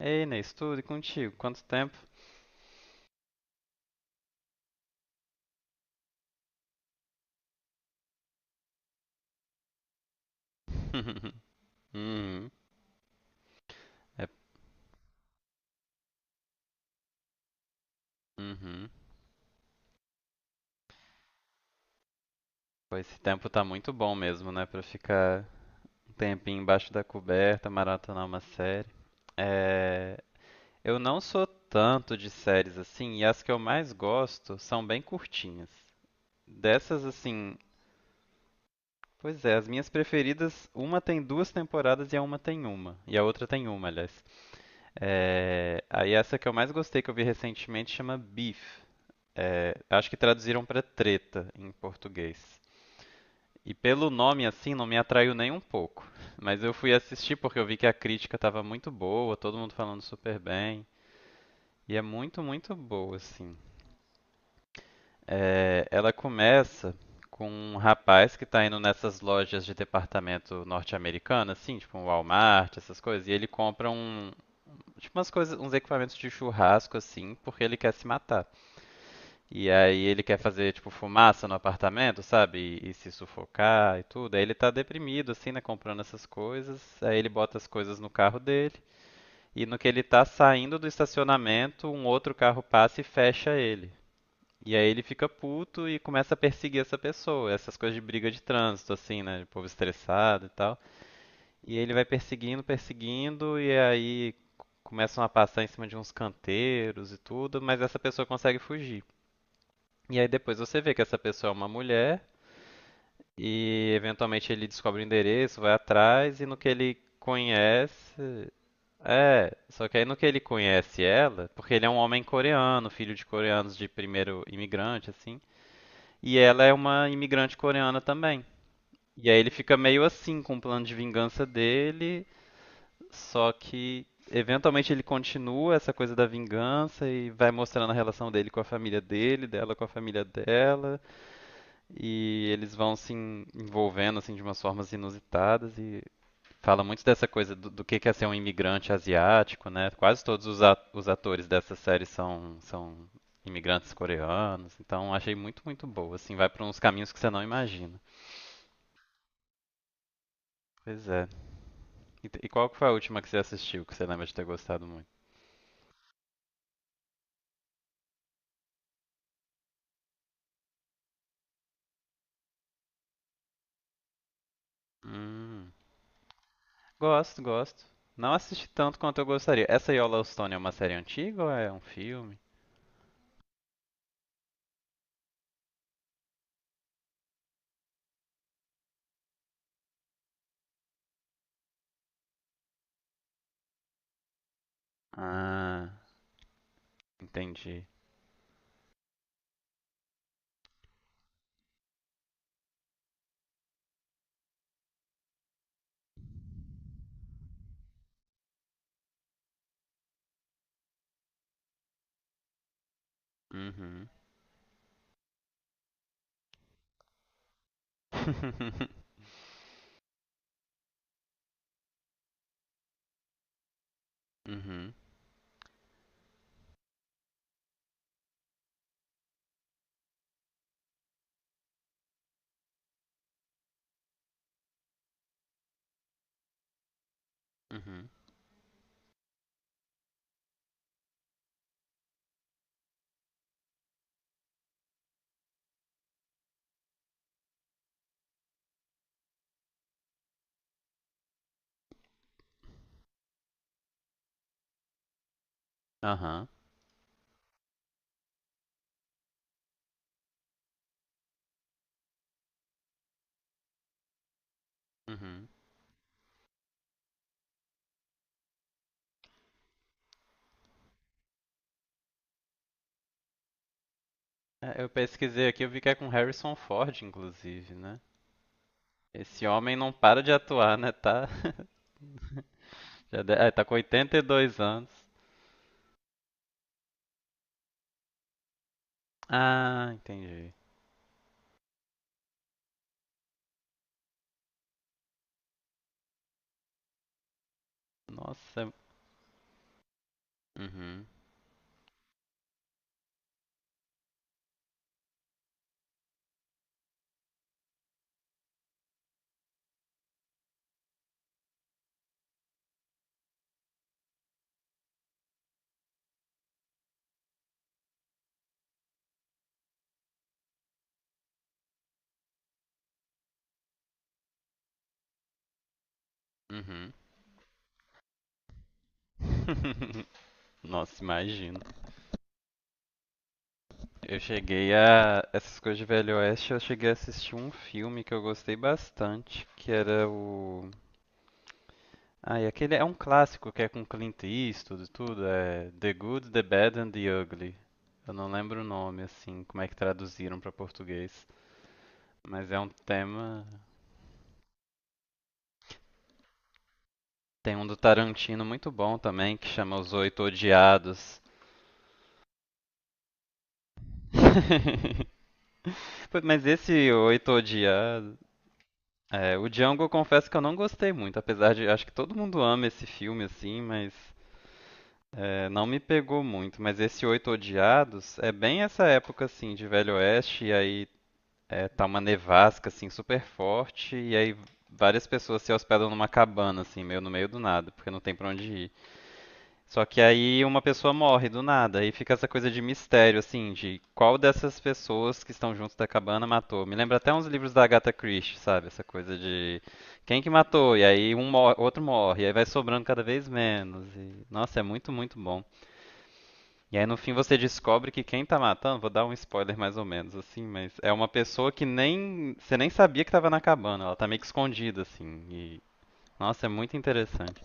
Ei, Inês, tudo e contigo? Quanto tempo? Uhum. É, uhum. Pô, esse tempo tá muito bom mesmo, né? Pra ficar um tempinho embaixo da coberta, maratonar uma série. É, eu não sou tanto de séries assim, e as que eu mais gosto são bem curtinhas. Dessas, assim, pois é, as minhas preferidas, uma tem duas temporadas e a uma tem uma. E a outra tem uma, aliás. É, aí essa que eu mais gostei que eu vi recentemente chama Beef. É, acho que traduziram para treta em português. E pelo nome assim não me atraiu nem um pouco. Mas eu fui assistir porque eu vi que a crítica estava muito boa, todo mundo falando super bem. E é muito, muito boa, assim. É, ela começa com um rapaz que tá indo nessas lojas de departamento norte-americano, assim, tipo um Walmart, essas coisas, e ele compra tipo umas coisas, uns equipamentos de churrasco, assim, porque ele quer se matar. E aí ele quer fazer, tipo, fumaça no apartamento, sabe? E se sufocar e tudo. Aí ele tá deprimido, assim, né? Comprando essas coisas. Aí ele bota as coisas no carro dele. E no que ele tá saindo do estacionamento, um outro carro passa e fecha ele. E aí ele fica puto e começa a perseguir essa pessoa. Essas coisas de briga de trânsito, assim, né? De povo estressado e tal. E ele vai perseguindo, perseguindo, e aí começam a passar em cima de uns canteiros e tudo, mas essa pessoa consegue fugir. E aí depois você vê que essa pessoa é uma mulher e eventualmente ele descobre o endereço, vai atrás e no que ele conhece. É, só que aí no que ele conhece ela, porque ele é um homem coreano, filho de coreanos de primeiro imigrante, assim, e ela é uma imigrante coreana também. E aí ele fica meio assim com o plano de vingança dele, só que eventualmente ele continua essa coisa da vingança e vai mostrando a relação dele com a família dele, dela com a família dela. E eles vão se envolvendo assim de umas formas inusitadas e fala muito dessa coisa do que é ser um imigrante asiático, né? Quase todos os atores dessa série são, são imigrantes coreanos, então achei muito, muito boa, assim, vai para uns caminhos que você não imagina. Pois é. E, e qual que foi a última que você assistiu que você lembra de ter gostado muito? Hum, gosto, gosto. Não assisti tanto quanto eu gostaria. Essa Yellowstone é uma série antiga ou é um filme? Ah, entendi. Uhum. Uhum, uhum. Aham, uhum. É, eu pesquisei aqui, eu vi que é com Harrison Ford, inclusive, né? Esse homem não para de atuar, né? Tá, já tá com 82 anos. Ah, entendi. Nossa. Uhum, uhum. Nossa, imagino. Eu cheguei a. Essas coisas de Velho Oeste, eu cheguei a assistir um filme que eu gostei bastante, que era o. Ah, e aquele é um clássico que é com Clint Eastwood e tudo, é The Good, The Bad and the Ugly. Eu não lembro o nome, assim, como é que traduziram para português. Mas é um tema. Tem um do Tarantino muito bom também, que chama Os Oito Odiados. Pô, mas esse Oito Odiados. É, o Django eu confesso que eu não gostei muito, apesar de acho que todo mundo ama esse filme, assim, mas é, não me pegou muito, mas esse Oito Odiados é bem essa época assim de Velho Oeste, e aí é, tá uma nevasca assim super forte, e aí várias pessoas se hospedam numa cabana assim, meio no meio do nada, porque não tem pra onde ir. Só que aí uma pessoa morre do nada, aí fica essa coisa de mistério assim, de qual dessas pessoas que estão junto da cabana matou. Me lembra até uns livros da Agatha Christie, sabe? Essa coisa de quem que matou, e aí um mor outro morre, e aí vai sobrando cada vez menos. E nossa, é muito, muito bom. E aí no fim você descobre que quem tá matando, vou dar um spoiler mais ou menos assim, mas é uma pessoa que nem você nem sabia que tava na cabana, ela tá meio que escondida assim. E nossa, é muito interessante.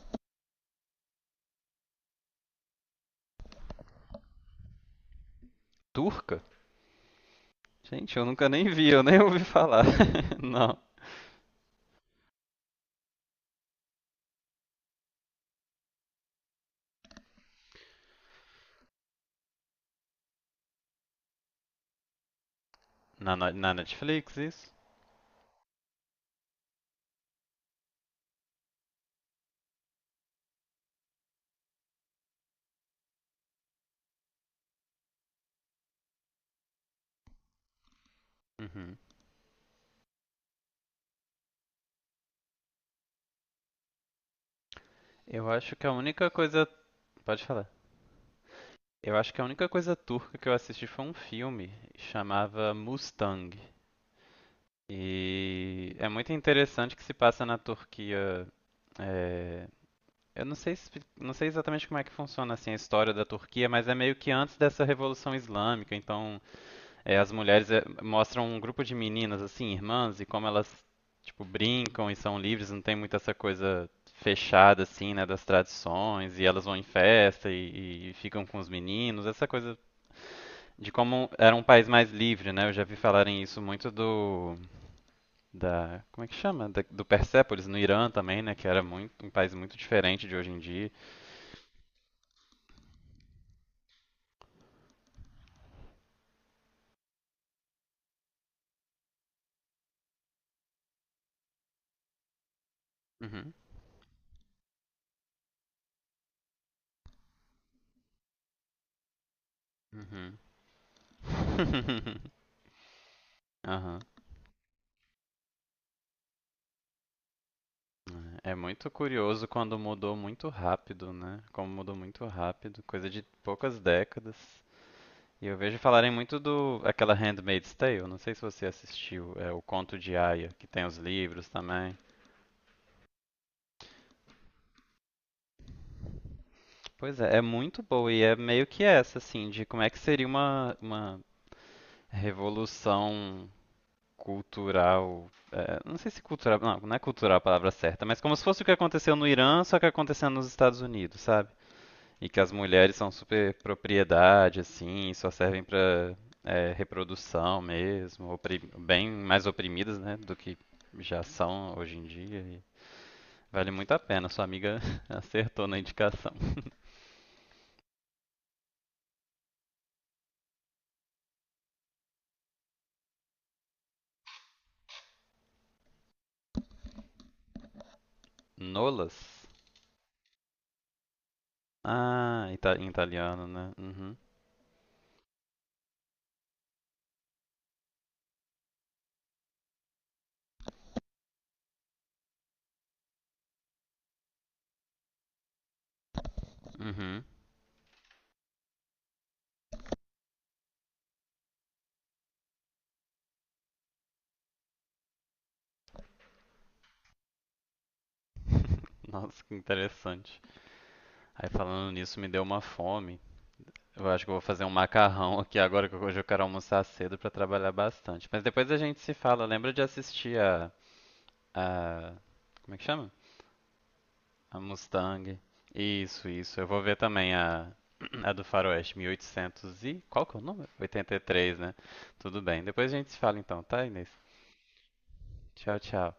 Turca? Gente, eu nunca nem vi, eu nem ouvi falar. Não. Na, na Netflix isso? Uhum. Eu acho que a única coisa, pode falar. Eu acho que a única coisa turca que eu assisti foi um filme, chamava Mustang. E é muito interessante que se passa na Turquia, é, eu não sei, não sei exatamente como é que funciona assim a história da Turquia, mas é meio que antes dessa Revolução Islâmica. Então, é, as mulheres, é, mostram um grupo de meninas assim, irmãs, e como elas tipo brincam e são livres, não tem muito essa coisa fechada assim, né, das tradições. E elas vão em festa e ficam com os meninos. Essa coisa de como era um país mais livre, né? Eu já vi falarem isso muito do da como é que chama? Do Persépolis no Irã também, né? Que era muito um país muito diferente de hoje em dia. Uhum. Uhum. Aham. É muito curioso quando mudou muito rápido, né? Como mudou muito rápido, coisa de poucas décadas. E eu vejo falarem muito do aquela Handmaid's Tale, não sei se você assistiu, é o Conto de Aia, que tem os livros também. Pois é, é muito boa e é meio que essa, assim, de como é que seria uma revolução cultural. É, não sei se cultural. Não, não é cultural a palavra certa, mas como se fosse o que aconteceu no Irã, só que acontecendo nos Estados Unidos, sabe? E que as mulheres são super propriedade, assim, só servem pra, é, reprodução mesmo, bem mais oprimidas, né, do que já são hoje em dia. E vale muito a pena, sua amiga acertou na indicação. Nolas? Ah, em italiano, né? Uhum. Uhum. Nossa, que interessante. Aí falando nisso, me deu uma fome. Eu acho que eu vou fazer um macarrão aqui agora, que hoje eu quero almoçar cedo pra trabalhar bastante. Mas depois a gente se fala. Lembra de assistir a, a- como é que chama? A Mustang. Isso, isso. Eu vou ver também a, a do Faroeste, 1800 e, oitocentos e, qual que é o número? 83, né? Tudo bem. Depois a gente se fala então, tá, Inês? Tchau, tchau.